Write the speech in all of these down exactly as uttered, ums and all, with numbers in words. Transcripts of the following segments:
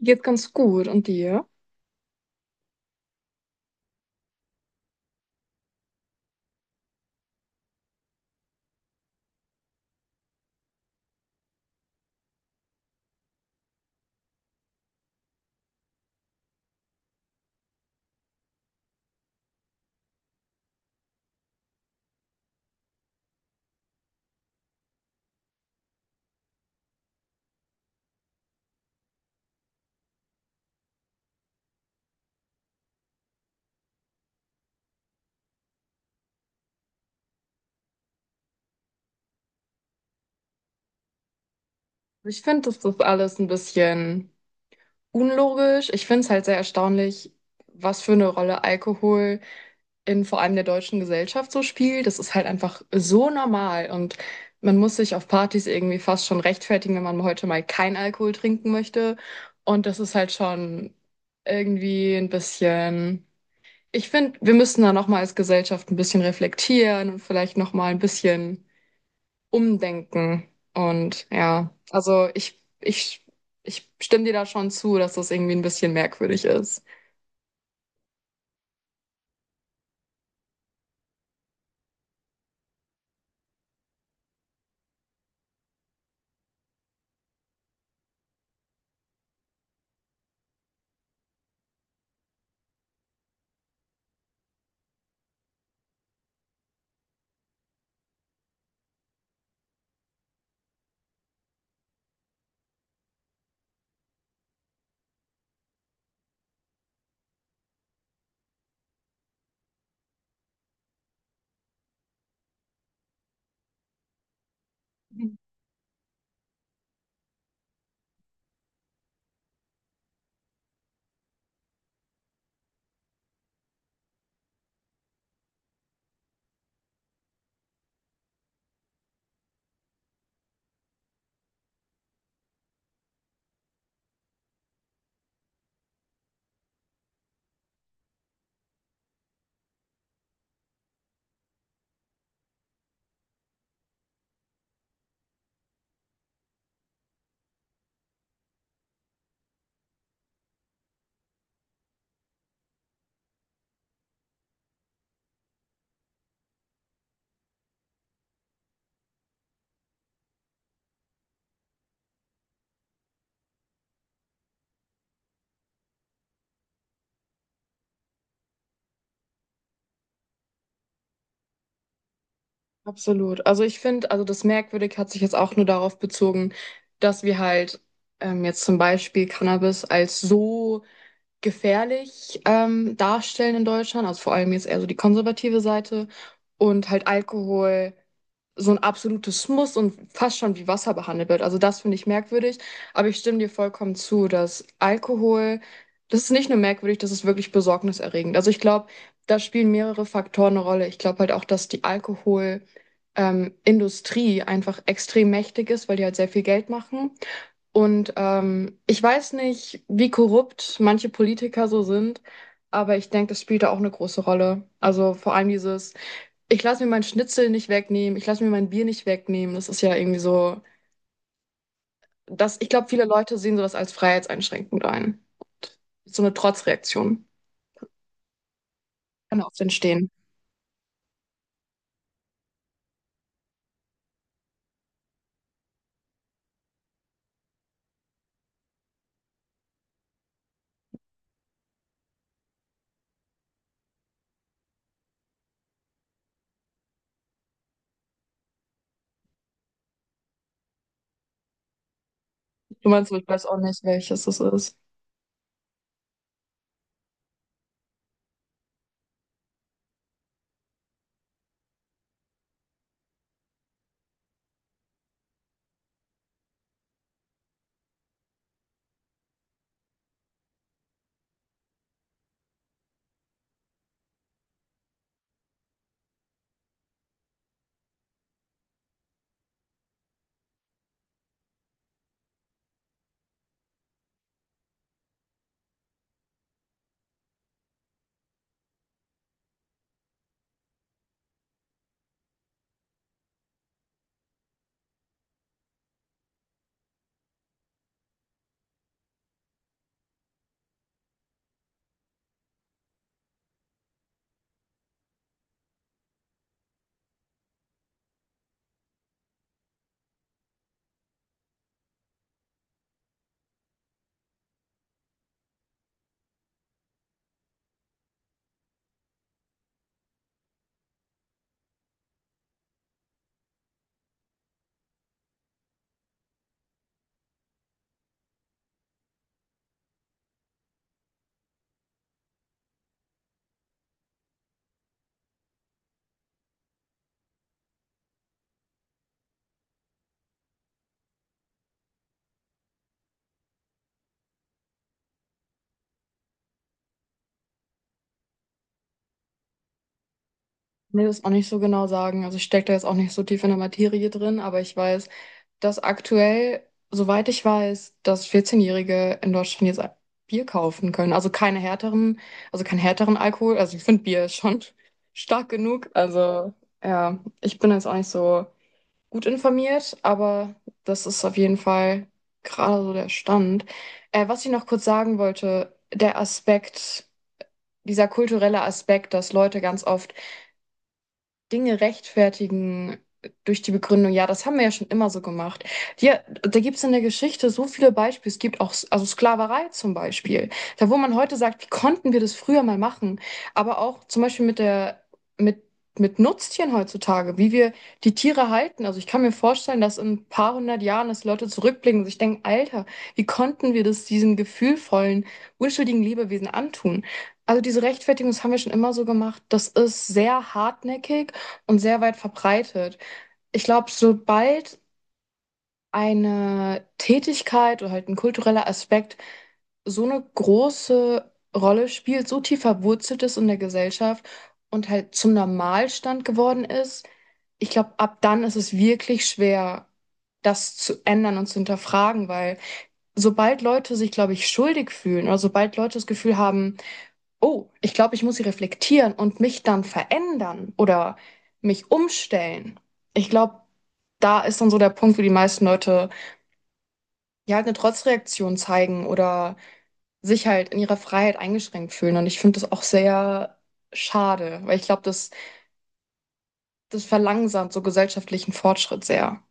Geht ganz gut. Und dir? Ich finde, das ist alles ein bisschen unlogisch. Ich finde es halt sehr erstaunlich, was für eine Rolle Alkohol in vor allem der deutschen Gesellschaft so spielt. Das ist halt einfach so normal und man muss sich auf Partys irgendwie fast schon rechtfertigen, wenn man heute mal kein Alkohol trinken möchte. Und das ist halt schon irgendwie ein bisschen. Ich finde, wir müssen da nochmal als Gesellschaft ein bisschen reflektieren und vielleicht nochmal ein bisschen umdenken. Und ja, also ich, ich, ich stimme dir da schon zu, dass das irgendwie ein bisschen merkwürdig ist. Mhm. Absolut. Also ich finde, also das merkwürdig hat sich jetzt auch nur darauf bezogen, dass wir halt ähm, jetzt zum Beispiel Cannabis als so gefährlich ähm, darstellen in Deutschland, also vor allem jetzt eher so die konservative Seite und halt Alkohol so ein absolutes Muss und fast schon wie Wasser behandelt wird. Also, das finde ich merkwürdig, aber ich stimme dir vollkommen zu, dass Alkohol, das ist nicht nur merkwürdig, das ist wirklich besorgniserregend. Also, ich glaube, da spielen mehrere Faktoren eine Rolle. Ich glaube halt auch, dass die Alkohol ähm, Industrie einfach extrem mächtig ist, weil die halt sehr viel Geld machen. Und ähm, ich weiß nicht, wie korrupt manche Politiker so sind, aber ich denke, das spielt da auch eine große Rolle. Also, vor allem dieses: ich lasse mir mein Schnitzel nicht wegnehmen, ich lasse mir mein Bier nicht wegnehmen. Das ist ja irgendwie so, das, ich glaube, viele Leute sehen sowas als freiheitseinschränkend ein. So eine Trotzreaktion kann oft entstehen. Du meinst, so, ich weiß auch nicht, welches das ist. Nee, das auch nicht so genau sagen. Also ich stecke da jetzt auch nicht so tief in der Materie drin, aber ich weiß, dass aktuell, soweit ich weiß, dass vierzehn-Jährige in Deutschland jetzt Bier kaufen können. Also keine härteren, also keinen härteren Alkohol. Also ich finde Bier ist schon stark genug. Also ja, ich bin jetzt auch nicht so gut informiert, aber das ist auf jeden Fall gerade so der Stand. Äh, was ich noch kurz sagen wollte, der Aspekt, dieser kulturelle Aspekt, dass Leute ganz oft Dinge rechtfertigen durch die Begründung, ja, das haben wir ja schon immer so gemacht. Ja, da gibt es in der Geschichte so viele Beispiele. Es gibt auch, S- also Sklaverei zum Beispiel, da wo man heute sagt, wie konnten wir das früher mal machen? Aber auch zum Beispiel mit der, mit, mit Nutztieren heutzutage, wie wir die Tiere halten. Also ich kann mir vorstellen, dass in ein paar hundert Jahren, dass Leute zurückblicken und sich denken, Alter, wie konnten wir das diesen gefühlvollen, unschuldigen Lebewesen antun? Also diese Rechtfertigung, das haben wir schon immer so gemacht. Das ist sehr hartnäckig und sehr weit verbreitet. Ich glaube, sobald eine Tätigkeit oder halt ein kultureller Aspekt so eine große Rolle spielt, so tief verwurzelt ist in der Gesellschaft und halt zum Normalstand geworden ist, ich glaube, ab dann ist es wirklich schwer, das zu ändern und zu hinterfragen, weil sobald Leute sich, glaube ich, schuldig fühlen oder sobald Leute das Gefühl haben, oh, ich glaube, ich muss sie reflektieren und mich dann verändern oder mich umstellen. Ich glaube, da ist dann so der Punkt, wo die meisten Leute ja halt eine Trotzreaktion zeigen oder sich halt in ihrer Freiheit eingeschränkt fühlen. Und ich finde das auch sehr schade, weil ich glaube, das, das verlangsamt so gesellschaftlichen Fortschritt sehr.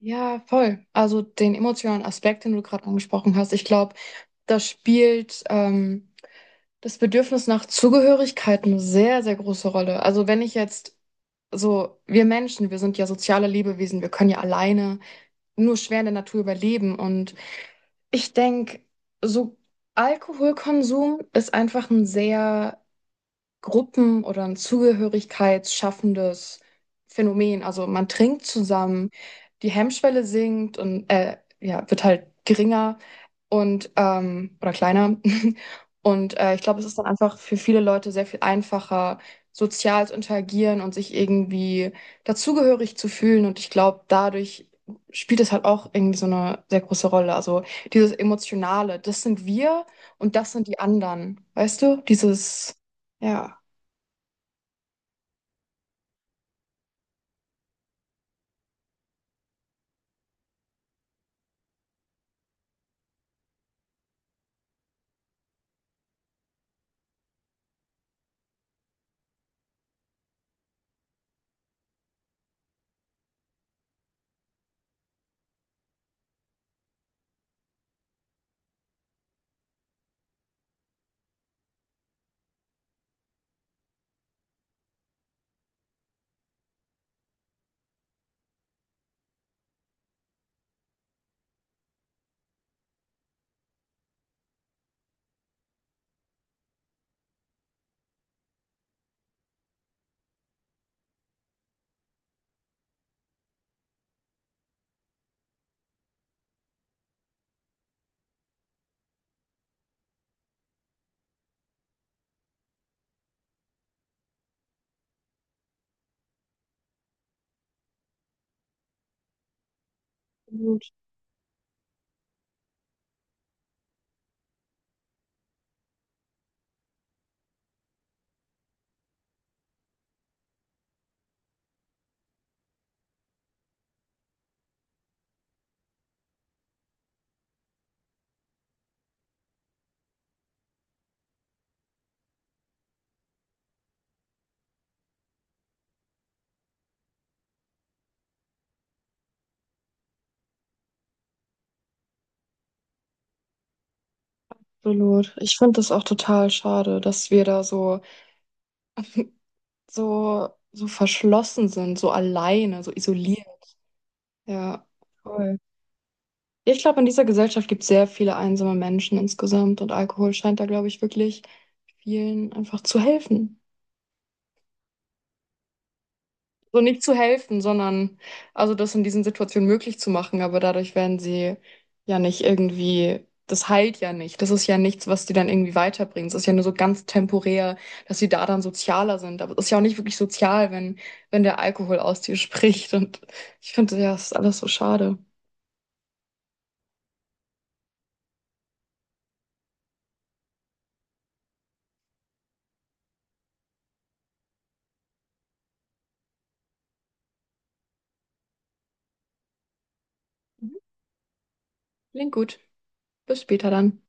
Ja, voll. Also den emotionalen Aspekt, den du gerade angesprochen hast, ich glaube, das spielt, ähm, das Bedürfnis nach Zugehörigkeit, eine sehr, sehr große Rolle. Also wenn ich jetzt so, wir Menschen, wir sind ja soziale Lebewesen, wir können ja alleine nur schwer in der Natur überleben. Und ich denke, so Alkoholkonsum ist einfach ein sehr Gruppen- oder ein zugehörigkeitsschaffendes Phänomen. Also man trinkt zusammen, die Hemmschwelle sinkt und äh, ja, wird halt geringer und ähm, oder kleiner. Und äh, ich glaube, es ist dann einfach für viele Leute sehr viel einfacher, sozial zu interagieren und sich irgendwie dazugehörig zu fühlen. Und ich glaube, dadurch spielt es halt auch irgendwie so eine sehr große Rolle. Also dieses Emotionale, das sind wir und das sind die anderen. Weißt du? Dieses, ja. Absolut, absolut. Ich finde das auch total schade, dass wir da so, so, so verschlossen sind, so alleine, so isoliert. Ja, voll. Ich glaube, in dieser Gesellschaft gibt es sehr viele einsame Menschen insgesamt und Alkohol scheint da, glaube ich, wirklich vielen einfach zu helfen. So nicht zu helfen, sondern also das in diesen Situationen möglich zu machen, aber dadurch werden sie ja nicht irgendwie, das heilt ja nicht. Das ist ja nichts, was die dann irgendwie weiterbringt. Es ist ja nur so ganz temporär, dass sie da dann sozialer sind. Aber es ist ja auch nicht wirklich sozial, wenn, wenn der Alkohol aus dir spricht. Und ich finde, ja, es ist alles so schade. Mhm. Klingt gut. Bis später dann.